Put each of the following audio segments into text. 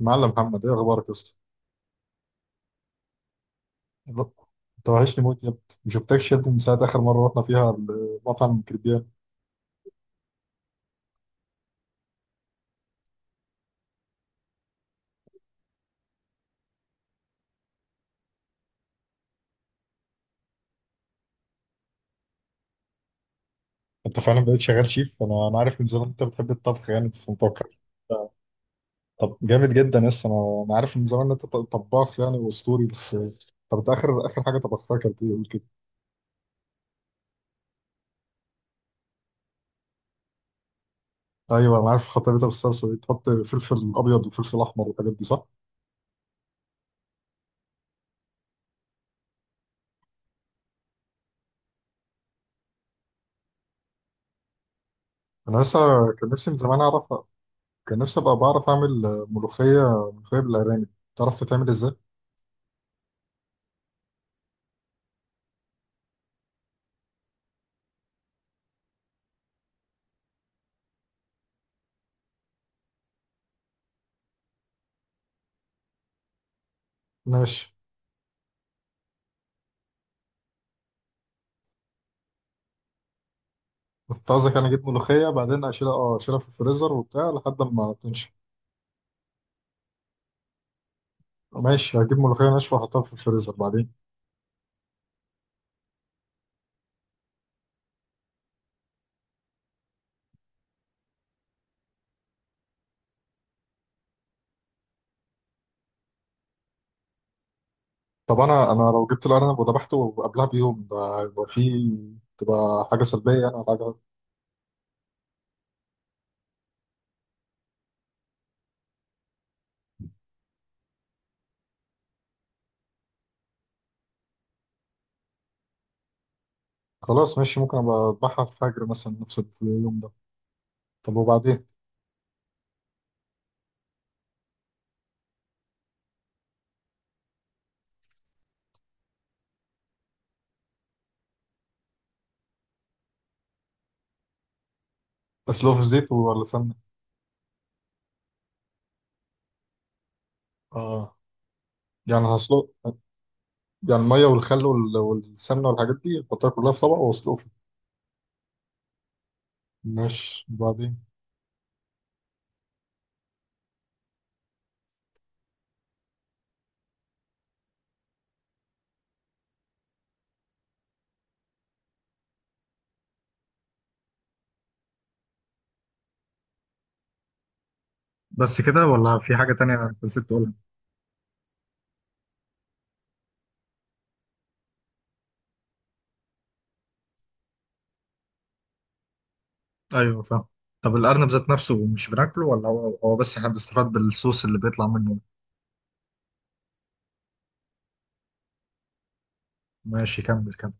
معلم محمد، ايه اخبارك يا اسطى؟ الو- انت وحشني موت يا ابني. ما شفتكش يا ابني من ساعه اخر مره رحنا فيها المطعم كريبيان. انت فعلا بقيت شغال شيف. انا عارف من زمان انت بتحب الطبخ يعني بس متوقع. طب جامد جدا يا اسطى، انا عارف من زمان ان انت طباخ يعني واسطوري بس. طب انت اخر اخر حاجه طبختها كانت ايه؟ قول كده. ايوه انا عارف خطيبتها بالصلصه دي تحط فلفل ابيض وفلفل احمر والحاجات دي، صح؟ انا لسه كان نفسي من زمان اعرف، كان نفسي ابقى بعرف اعمل ملوخيه ملوخيه بالارانب. تعرف تتعمل ازاي؟ ماشي. كنت قصدك انا اجيب ملوخيه بعدين اشيلها، اشيلها في الفريزر وبتاع لحد ما تنشف. ماشي هجيب ملوخيه ناشفه واحطها في الفريزر بعدين. طب انا لو جبت الارنب وذبحته قبلها بيوم، ده هيبقى فيه تبقى حاجه سلبيه يعني ولا حاجه؟ خلاص ماشي، ممكن ابقى اذبحها في الفجر مثلا نفس اليوم ده. طب وبعدين؟ اسلقه في زيت ولا سمنه؟ اه، يعني هسلق، يعني الميه والخل والسمنه والحاجات دي احطها كلها في طبق واسلقه فيه؟ ماشي وبعدين؟ بس كده ولا في حاجه تانية أنا نسيت تقولها؟ ايوه فاهم. طب الارنب ذات نفسه مش بناكله ولا هو هو بس احنا بنستفاد بالصوص اللي بيطلع منه؟ ماشي كمل كمل.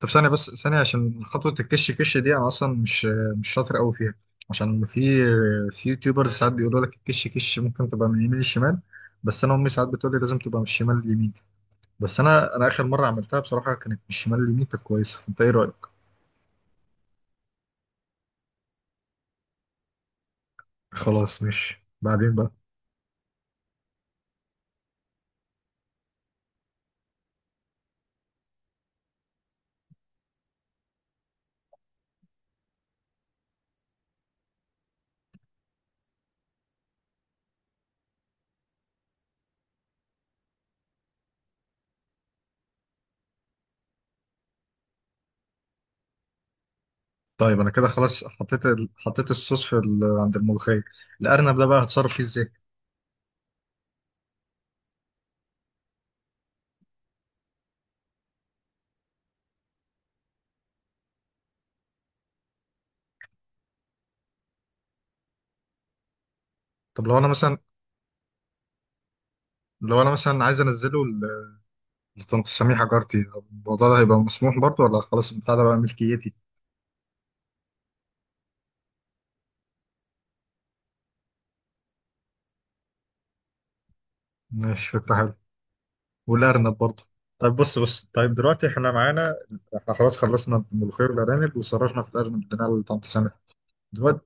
طب ثانيه بس ثانيه عشان خطوه الكش كش دي انا اصلا مش شاطر قوي فيها. عشان في يوتيوبرز ساعات بيقولوا لك الكش كش ممكن تبقى من اليمين للشمال، بس انا امي ساعات بتقول لي لازم تبقى من الشمال لليمين. بس انا اخر مره عملتها بصراحه كانت من الشمال لليمين كانت كويسه، فانت ايه رايك؟ خلاص مش. بعدين بقى. طيب انا كده خلاص حطيت حطيت الصوص في عند الملوخيه. الارنب ده بقى هتصرف فيه ازاي؟ طب لو انا مثلا لو انا مثلا عايز انزله لطنط سميح جارتي، طب الموضوع ده هيبقى مسموح برضه ولا خلاص البتاع ده بقى ملكيتي؟ مش فكرة حلوة. والأرنب برضه. طيب بص بص، طيب دلوقتي احنا معانا. احنا خلاص خلصنا الملوخية والأرانب وصرفنا في الأرنب، اديناها لطنط سميح. دلوقتي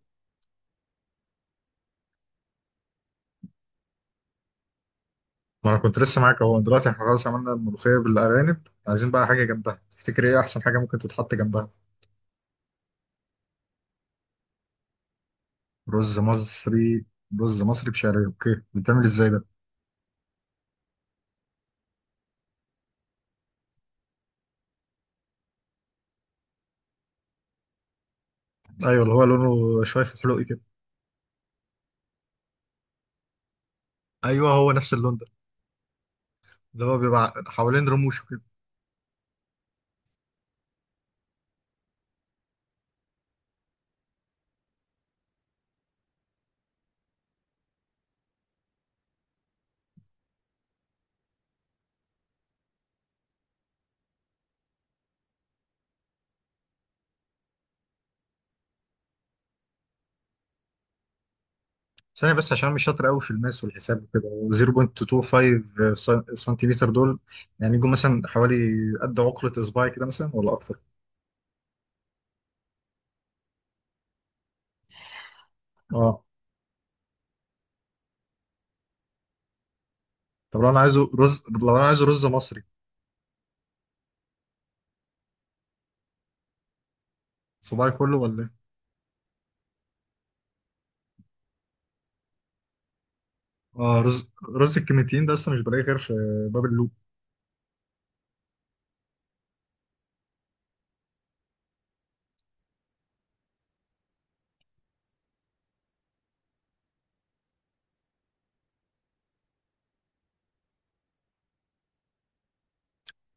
ما انا كنت لسه معاك اهو، دلوقتي احنا خلاص عملنا الملوخية بالأرانب، عايزين بقى حاجة جنبها. تفتكر ايه أحسن حاجة ممكن تتحط جنبها؟ رز مصري. رز مصري بشعرية، اوكي، بيتعمل ازاي ده؟ ايوه، اللي هو لونه شوية فحلوقي كده. ايوه هو نفس اللون ده، اللي هو بيبقى حوالين رموش كده. ثانية بس، عشان مش شاطر قوي في الماس والحساب وكده، 0.25 سنتيمتر دول يعني يجوا مثلا حوالي قد عقلة إصبعي كده مثلا ولا أكتر؟ اه. طب لو أنا عايزه رز مصري، صباعي كله ولا إيه؟ اه، رز الكيميتيين ده أصلا مش بلاقيه غير في باب اللوق.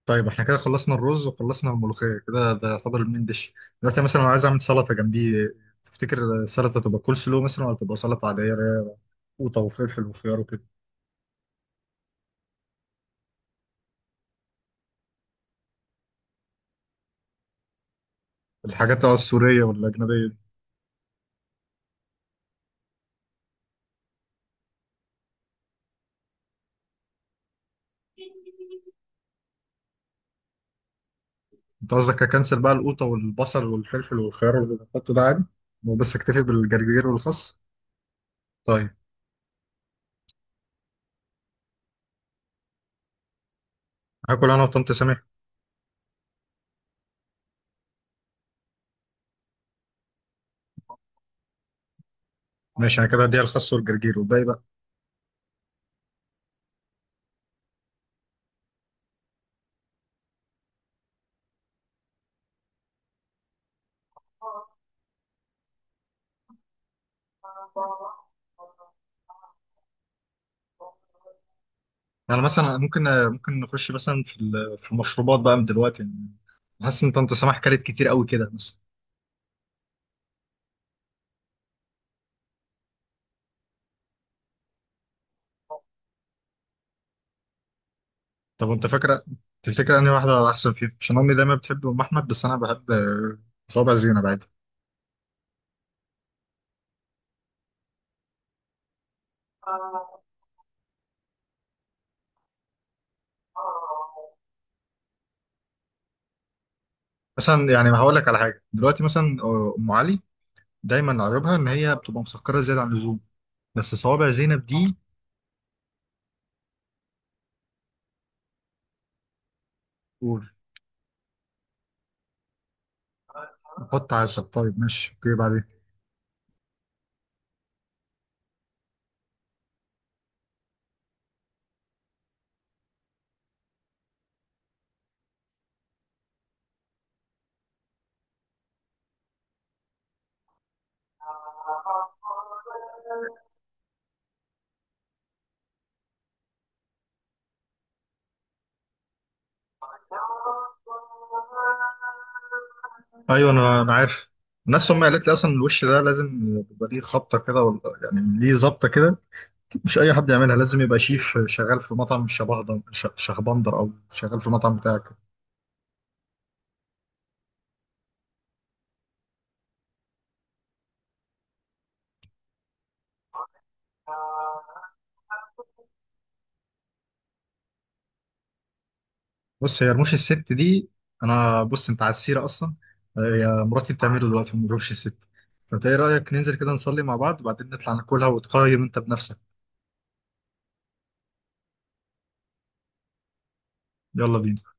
طيب احنا كده خلصنا الرز وخلصنا الملوخية، كده ده يعتبر المين ديش. دلوقتي مثلا لو عايز أعمل سلطة جنبيه، تفتكر السلطة تبقى كول سلو مثلا ولا تبقى سلطة عادية اللي هي قوطة وفلفل وخيار وكده؟ الحاجات بقى السورية والأجنبية دي؟ أنت قصدك أكنسل بقى القوطة والبصل والفلفل والخيار اللي بحطه ده عادي وبس أكتفي بالجرجير والخس؟ طيب. هاكل أنا وطنط سامح. ماشي، أنا كده هديها الخس والجرجير والباقي بقى. يعني مثلا ممكن، ممكن نخش مثلا في المشروبات بقى من دلوقتي يعني، حاسس إن طنط سامح كلت كتير قوي كده مثلا. طب وأنت فاكرة، تفتكر أنهي واحدة أحسن فيهم؟ عشان أمي دايما بتحب أم أحمد بس أنا بحب صوابع زينب عادي. مثلا يعني هقول لك على حاجة. دلوقتي مثلا أم علي دايما عيوبها ان هي بتبقى مسكره زياده عن اللزوم. بس صوابع زينب دي. قول نحط 10، طيب ماشي اوكي بعدين. ايوه انا عارف. الناس هم قالت لي اصلا الوش ده لازم يبقى ليه خبطه كده ولا يعني ليه ظبطه كده. مش اي حد يعملها، لازم يبقى شيف شغال في مطعم شهبندر او شغال في مطعم بتاعك. بص هي رموش الست دي، انا بص انت على السيره اصلا، هي مراتي بتعمله دلوقتي من رموش الست، فانت ايه رايك ننزل كده نصلي مع بعض وبعدين نطلع ناكلها وتقيم انت بنفسك؟ يلا بينا.